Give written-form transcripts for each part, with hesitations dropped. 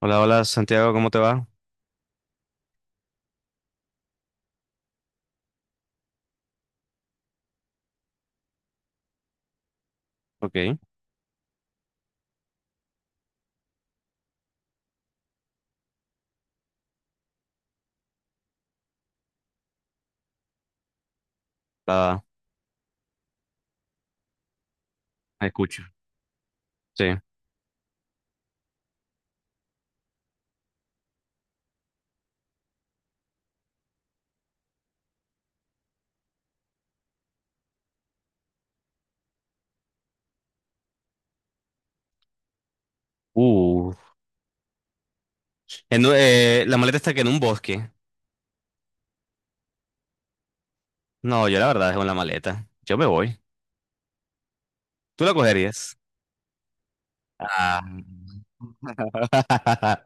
Hola, hola Santiago, ¿cómo te va? Ok, la la escucho. Sí. Uh. La maleta está que en un bosque. No, yo la verdad dejo la maleta. Yo me voy. ¿Tú la cogerías? Ah.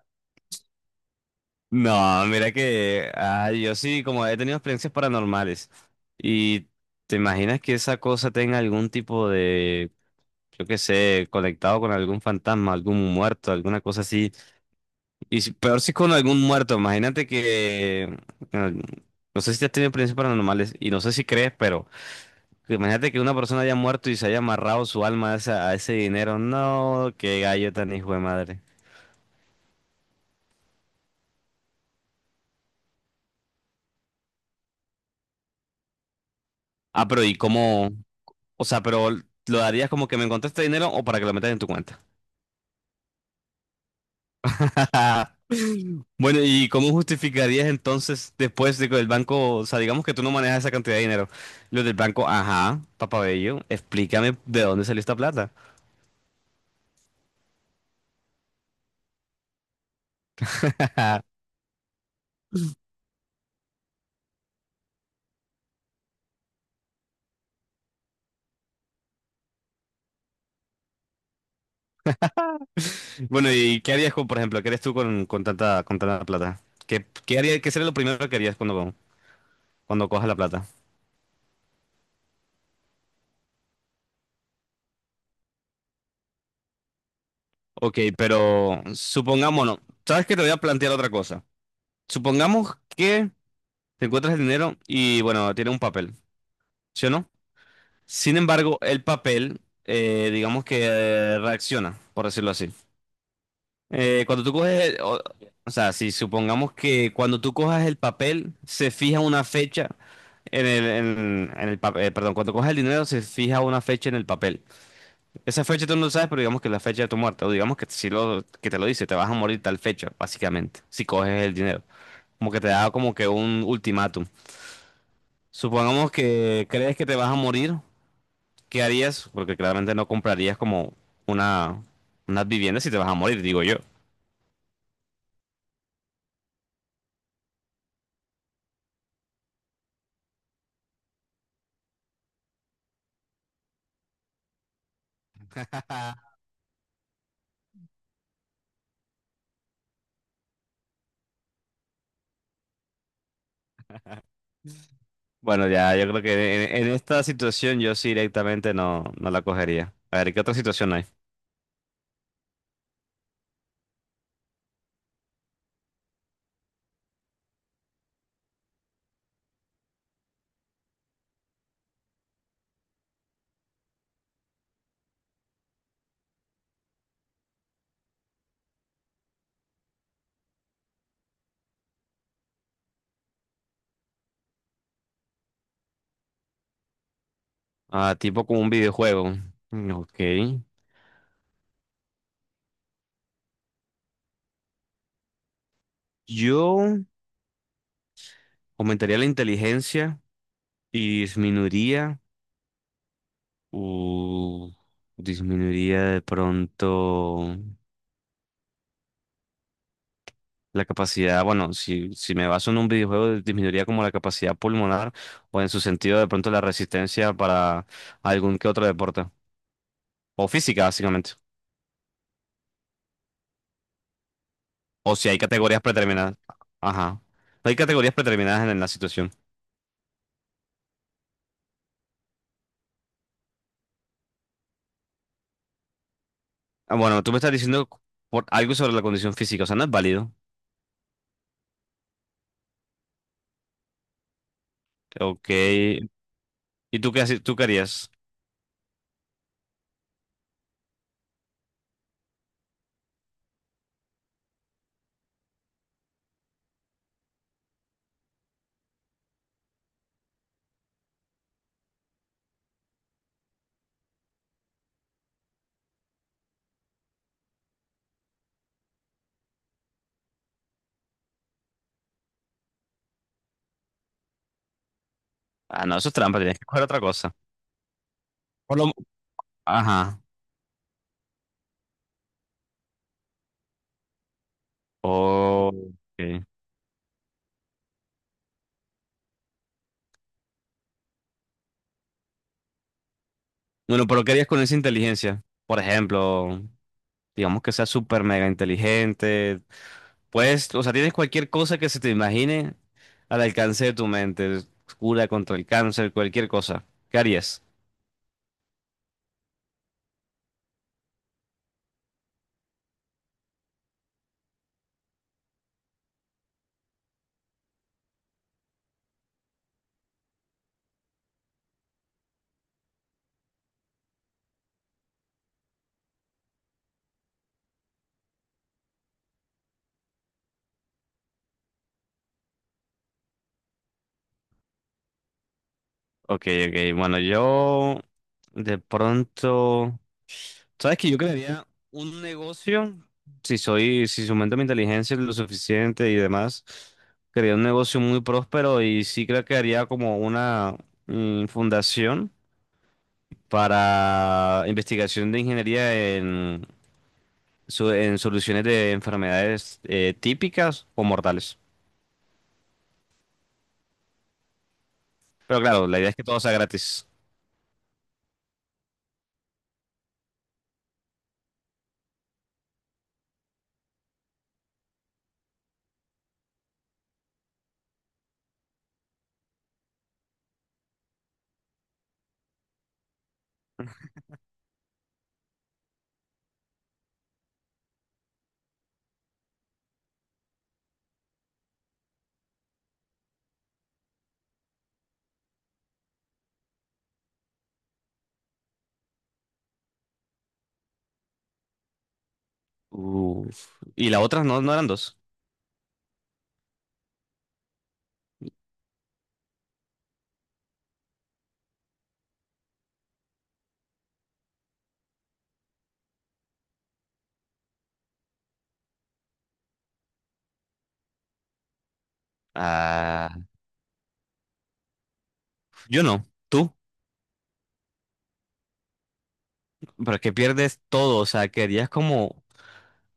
No, mira que yo sí, como he tenido experiencias paranormales. ¿Y te imaginas que esa cosa tenga algún tipo de, yo qué sé, conectado con algún fantasma, algún muerto, alguna cosa así? Peor si con algún muerto, imagínate que bueno, no sé si te has tenido experiencias paranormales y no sé si crees, pero imagínate que una persona haya muerto y se haya amarrado su alma a, a ese dinero. No, qué gallo tan hijo de madre. Ah, pero ¿y cómo? O sea, pero ¿lo darías como que me encontré este dinero o para que lo metas en tu cuenta? Bueno, ¿y cómo justificarías entonces después de que el banco, o sea, digamos que tú no manejas esa cantidad de dinero, los del banco, ajá, papabello, explícame de dónde salió esta plata? Bueno, ¿y qué harías con, por ejemplo, qué harías tú con tanta plata? ¿Qué, qué sería lo primero que harías cuando, cuando cojas la plata? Ok, pero supongámonos, ¿sabes que te voy a plantear otra cosa? Supongamos que te encuentras el dinero y, bueno, tiene un papel, ¿sí o no? Sin embargo, el papel, digamos que reacciona, por decirlo así. Cuando tú coges, o sea, si supongamos que cuando tú cojas el papel, se fija una fecha en el, en el papel, perdón, cuando coges el dinero, se fija una fecha en el papel. Esa fecha tú no lo sabes, pero digamos que es la fecha de tu muerte, o digamos que si lo, que te lo dice, te vas a morir tal fecha, básicamente, si coges el dinero. Como que te da como que un ultimátum. Supongamos que crees que te vas a morir, ¿qué harías? Porque claramente no comprarías como una, unas viviendas si te vas a morir, digo yo. Bueno, ya, yo creo que en esta situación yo sí directamente no, no la cogería. A ver, ¿qué otra situación hay? Ah, tipo como un videojuego. Mm, ok. Yo aumentaría la inteligencia y disminuiría. Uh, disminuiría de pronto la capacidad. Bueno, si, si me baso en un videojuego, disminuiría como la capacidad pulmonar o en su sentido de pronto la resistencia para algún que otro deporte. O física, básicamente. O si hay categorías predeterminadas. Ajá. No hay categorías predeterminadas en, la situación. Ah, bueno, tú me estás diciendo por algo sobre la condición física, o sea, no es válido. Ok. ¿Y tú qué, tú qué harías? Ah, no, eso es trampa, tienes que coger otra cosa. Por lo... Ajá. Oh, ok. Bueno, pero ¿qué harías con esa inteligencia? Por ejemplo, digamos que sea súper mega inteligente. Pues, o sea, tienes cualquier cosa que se te imagine al alcance de tu mente. Cura contra el cáncer, cualquier cosa. ¿Qué harías? Ok, ok. Bueno, yo de pronto, ¿sabes que yo crearía un negocio, si soy, si aumento mi inteligencia lo suficiente y demás, crearía un negocio muy próspero y sí creo que haría como una fundación para investigación de ingeniería en, en soluciones de enfermedades típicas o mortales? Pero claro, la idea es que todo sea gratis. Uf. Y la otra no, no eran dos. Ah, yo no. ¿Tú? Pero es que pierdes todo, o sea, quedarías como,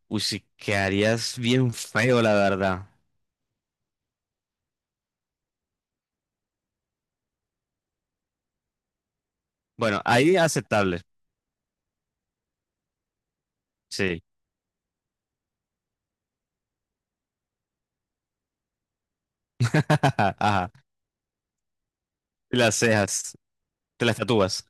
uy, sí, quedarías bien feo, la verdad. Bueno, ahí aceptable, sí. Ajá. Y las cejas, te las tatúas.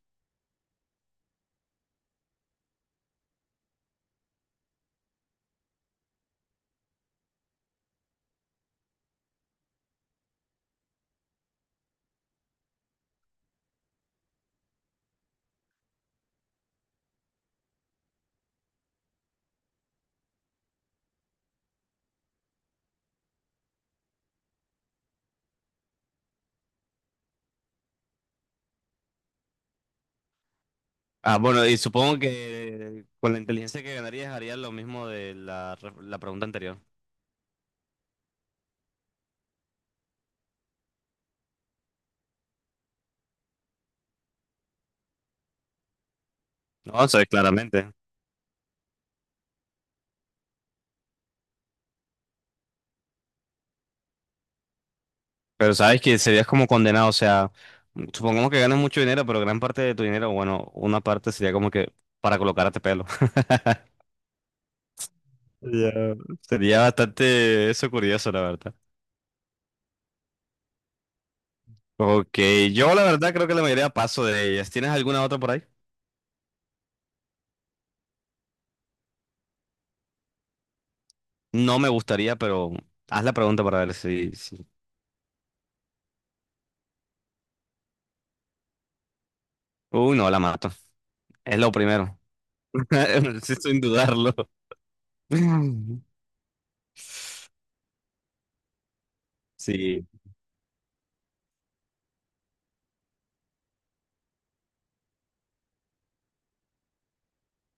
Ah, bueno, y supongo que con la inteligencia que ganarías harías lo mismo de la, la pregunta anterior. No, sabes, claramente. Pero sabes que serías como condenado, o sea, supongamos que ganas mucho dinero, pero gran parte de tu dinero, bueno, una parte sería como que para colocarte pelo. Ya. Sería bastante eso curioso, la verdad. Ok, yo la verdad creo que la mayoría paso de ellas. ¿Tienes alguna otra por ahí? No me gustaría, pero haz la pregunta para ver si. Uy, no, la mato. Es lo primero. Sí, sin dudarlo. Sí.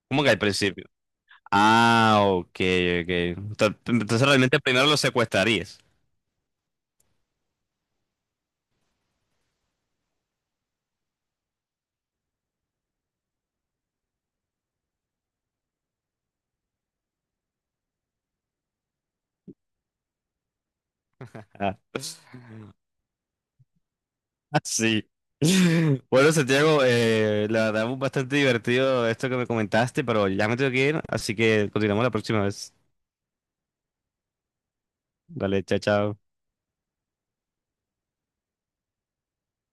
¿Cómo que al principio? Ah, ok, ok. Entonces realmente primero lo secuestrarías. Ah, sí. Bueno, Santiago, la verdad fue bastante divertido esto que me comentaste, pero ya me tengo que ir, así que continuamos la próxima vez. Dale, chao, chao.